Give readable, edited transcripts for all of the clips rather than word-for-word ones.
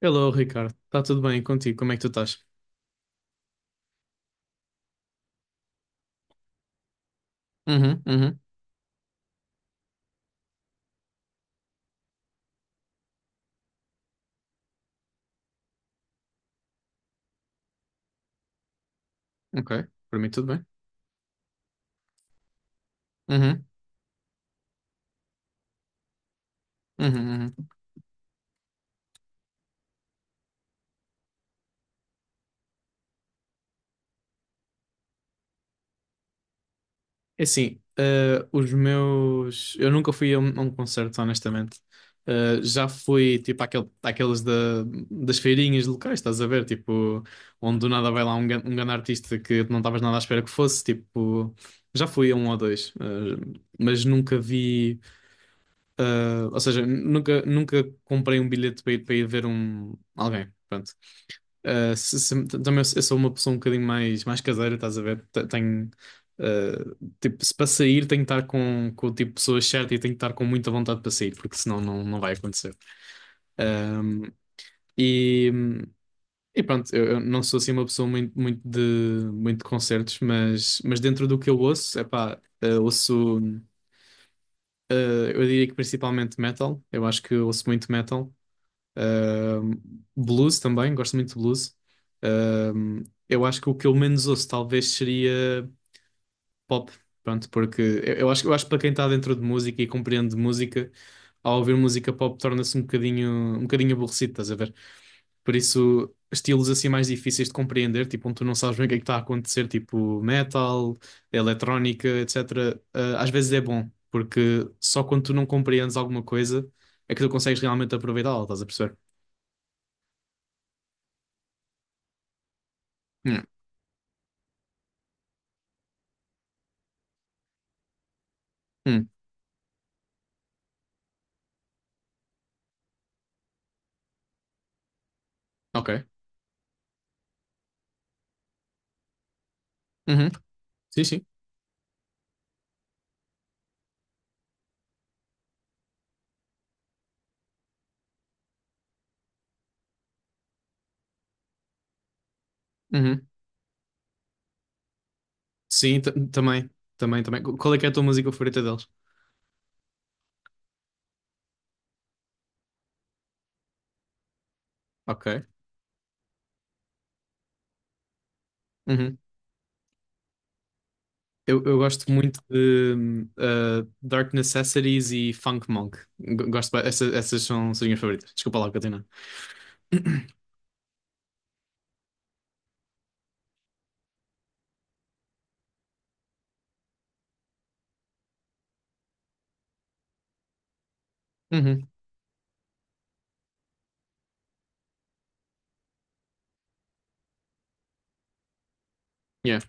Hello, Ricardo. Está tudo bem contigo? Como é que tu estás? Uhum, uhum. Ok, para mim tudo bem. Uhum, uhum, uhum. É assim, os meus... Eu nunca fui a um concerto, honestamente. Já fui, tipo, àqueles da, das feirinhas locais, estás a ver? Tipo, onde do nada vai lá um grande artista que não estavas nada à espera que fosse. Tipo, já fui a um ou dois. Mas nunca vi... Ou seja, nunca comprei um bilhete para ir ver um, alguém. Pronto. Também eu sou uma pessoa um bocadinho mais caseira, estás a ver? Tenho, tipo, se para sair tenho que estar com o tipo de pessoa certa e tenho que estar com muita vontade para sair, porque senão não vai acontecer. Um, e, e pronto, eu não sou assim uma pessoa muito de concertos, mas dentro do que eu ouço, epá, ouço, eu diria que principalmente metal, eu acho que eu ouço muito metal. Ahm, Blues também, gosto muito de blues. Ahm, eu acho que o que eu menos ouço talvez seria pop, pronto, porque eu acho que para quem está dentro de música e compreende música, ao ouvir música pop torna-se um bocadinho aborrecido, estás a ver? Por isso, estilos assim mais difíceis de compreender, tipo, onde tu não sabes bem o que é que está a acontecer, tipo metal, eletrónica, etc. Às vezes é bom, porque só quando tu não compreendes alguma coisa é que tu consegues realmente aproveitá-la, estás a perceber? Hum. Ok. Uhum. Sim, sim. Uhum. Sim, também. Também, também. Qual é que é a tua música favorita deles? Ok. Uhum. Eu gosto muito de Dark Necessities e Funk Monk. Gosto, essas são as minhas favoritas. Desculpa lá, Catarina. Uhum. Yeah.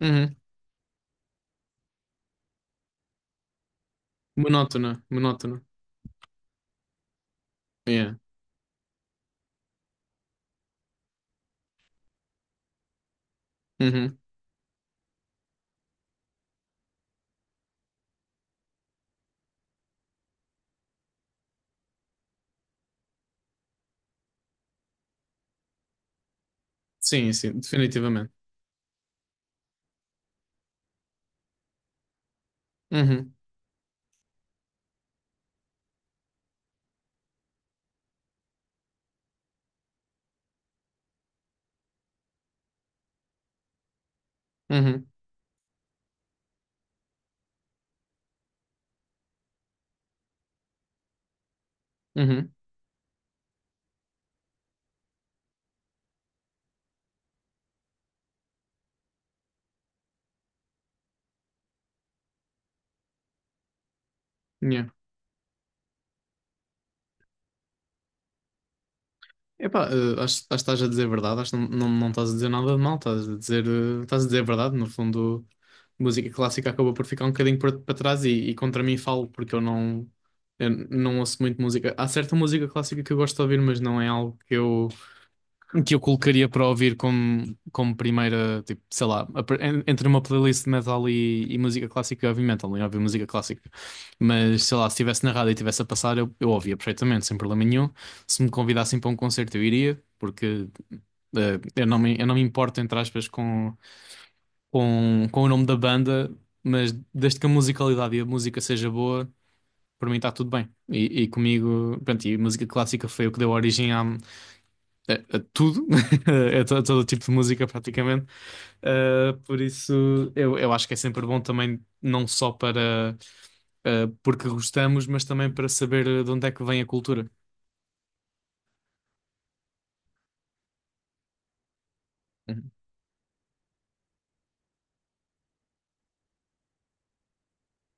Uhum. Monótona, monótona. Yeah. Uhum. Sim, sim, definitivamente. Uhum. Uhum. Uhum. Yeah. Epá, acho que estás a dizer verdade, acho que não, não, não estás a dizer nada de mal, estás a dizer, estás a dizer verdade, no fundo, música clássica acabou por ficar um bocadinho para trás e contra mim falo, porque eu não ouço muito música. Há certa música clássica que eu gosto de ouvir, mas não é algo que eu colocaria para ouvir como primeira, tipo, sei lá, entre uma playlist de metal e música clássica, eu ouvi metal, eu ouvi música clássica. Mas, sei lá, se estivesse na rádio e estivesse a passar, eu ouvia perfeitamente, sem problema nenhum. Se me convidassem para um concerto, eu iria, porque eu não me importo, entre aspas, com o nome da banda, mas desde que a musicalidade e a música seja boa, para mim está tudo bem. E comigo, pronto, e música clássica foi o que deu origem a tudo, é é todo tipo de música praticamente. Por isso eu acho que é sempre bom também, não só para porque gostamos, mas também para saber de onde é que vem a cultura. Uhum,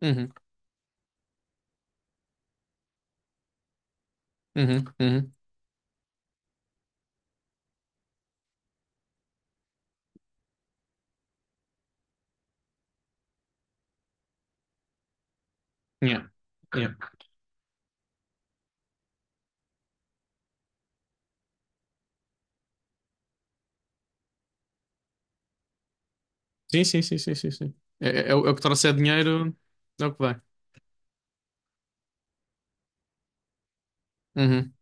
uhum, uhum. Uhum. Yeah, yeah. Sim, sim, sim, sim, sim, sim. É o que trouxer dinheiro, é o que vai. Uhum.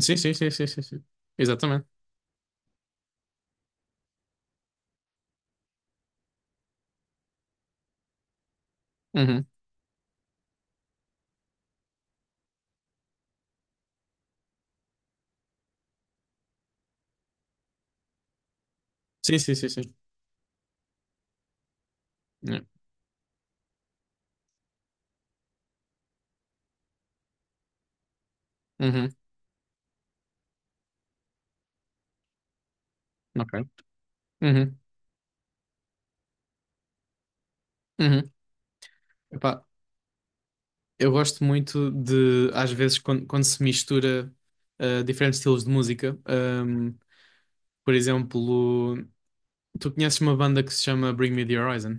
Sim, sim, sim, sim, sim, sim. Exatamente. Uhum. Sim, sim, sim, sim. Yeah. Uhum. Ok. Uhum. Uhum. Epá, eu gosto muito de, às vezes, quando se mistura diferentes estilos de música. Por exemplo, tu conheces uma banda que se chama Bring Me the Horizon?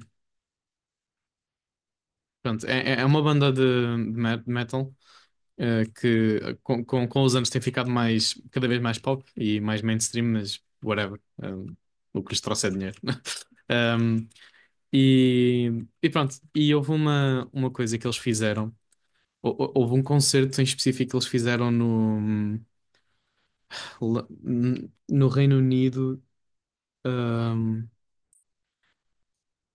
Pronto, é uma banda de metal que com os anos tem ficado cada vez mais pop e mais mainstream, mas whatever. O que lhes trouxe é dinheiro. Ahm, e, e pronto, e houve uma coisa que eles fizeram. Houve um concerto em específico que eles fizeram no. No Reino Unido, hum,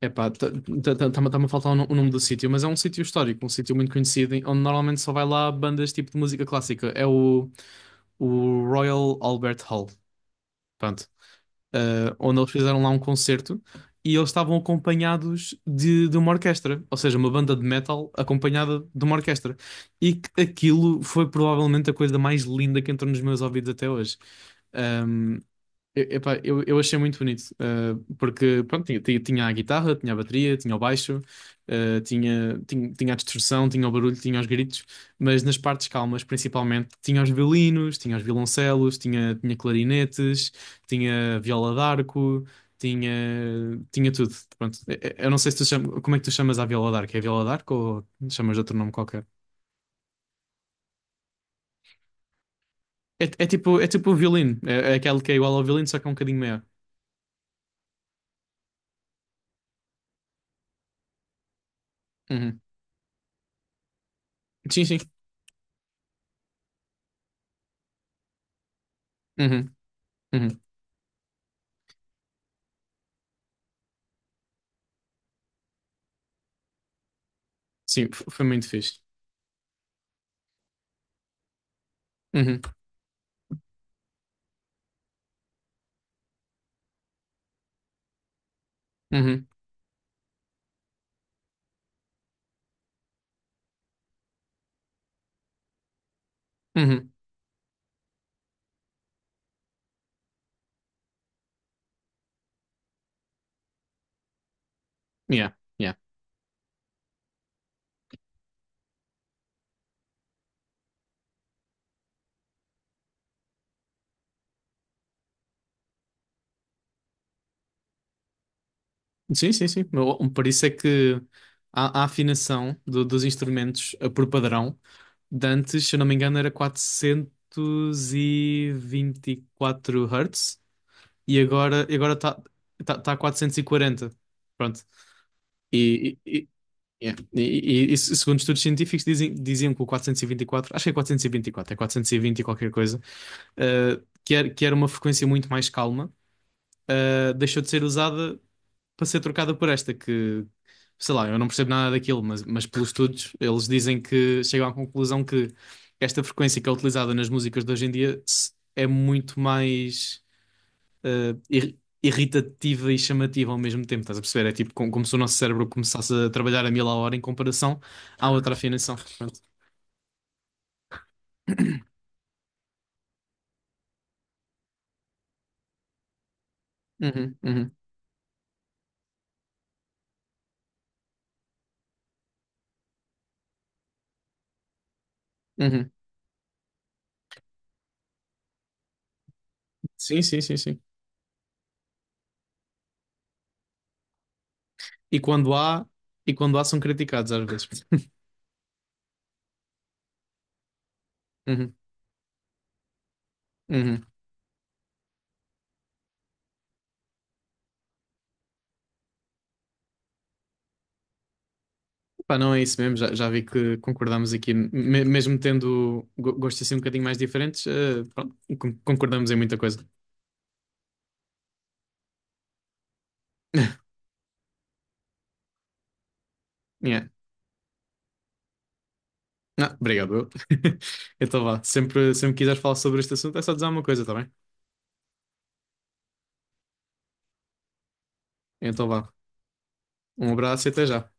epá, está-me a faltar o no- o nome do sítio, mas é um sítio histórico, um sítio muito conhecido, onde normalmente só vai lá bandas tipo de música clássica. É o Royal Albert Hall, pronto, onde eles fizeram lá um concerto e eles estavam acompanhados de uma orquestra, ou seja, uma banda de metal acompanhada de uma orquestra. E que aquilo foi provavelmente a coisa mais linda que entrou nos meus ouvidos até hoje. Eu achei muito bonito, porque pronto, tinha a guitarra, tinha a bateria, tinha o baixo, tinha a distorção, tinha o barulho, tinha os gritos, mas nas partes calmas, principalmente, tinha os violinos, tinha os violoncelos, tinha clarinetes, tinha viola d'arco, tinha, tinha tudo. Pronto. Eu não sei se como é que tu chamas a viola d'arco. É viola d'arco ou chamas de outro nome qualquer? É tipo o violino, é aquele que é igual ao violino, só que é um bocadinho maior. Uhum. Sim, sim. Uhum, uhum. Sim, foi muito fixe. Uhum, uhum, uhum. Yeah, yeah. Sim, sim, sim. Mas, por isso é que a afinação dos instrumentos por padrão, de antes, se eu não me engano, era 424 Hz e agora está tá a 440. Pronto. E, e, e- yeah. E isso, segundo estudos científicos, diziam que o 424 é 420 e vinte e qualquer coisa, que era uma frequência muito mais calma. Deixou de ser usada para ser trocada por esta, que sei lá, eu não percebo nada daquilo, mas pelos estudos eles dizem que chegam à conclusão que esta frequência que é utilizada nas músicas de hoje em dia é muito mais irritativa e chamativa ao mesmo tempo, estás a perceber? É tipo como se o nosso cérebro começasse a trabalhar a mil a hora em comparação à outra afinação. Pronto. Uhum, uhum, uhum. Sim, sim, sim, sim. E quando há, e quando há são criticados às vezes. Uhum, uhum. Pá, não é isso mesmo, já vi que concordamos aqui, mesmo tendo gostos assim um bocadinho mais diferentes, pronto, concordamos em muita coisa. Yeah. Ah, obrigado. Eu. Então vá, sempre quiseres falar sobre este assunto é só dizer uma coisa, tá bem? Então vá, um abraço e até já.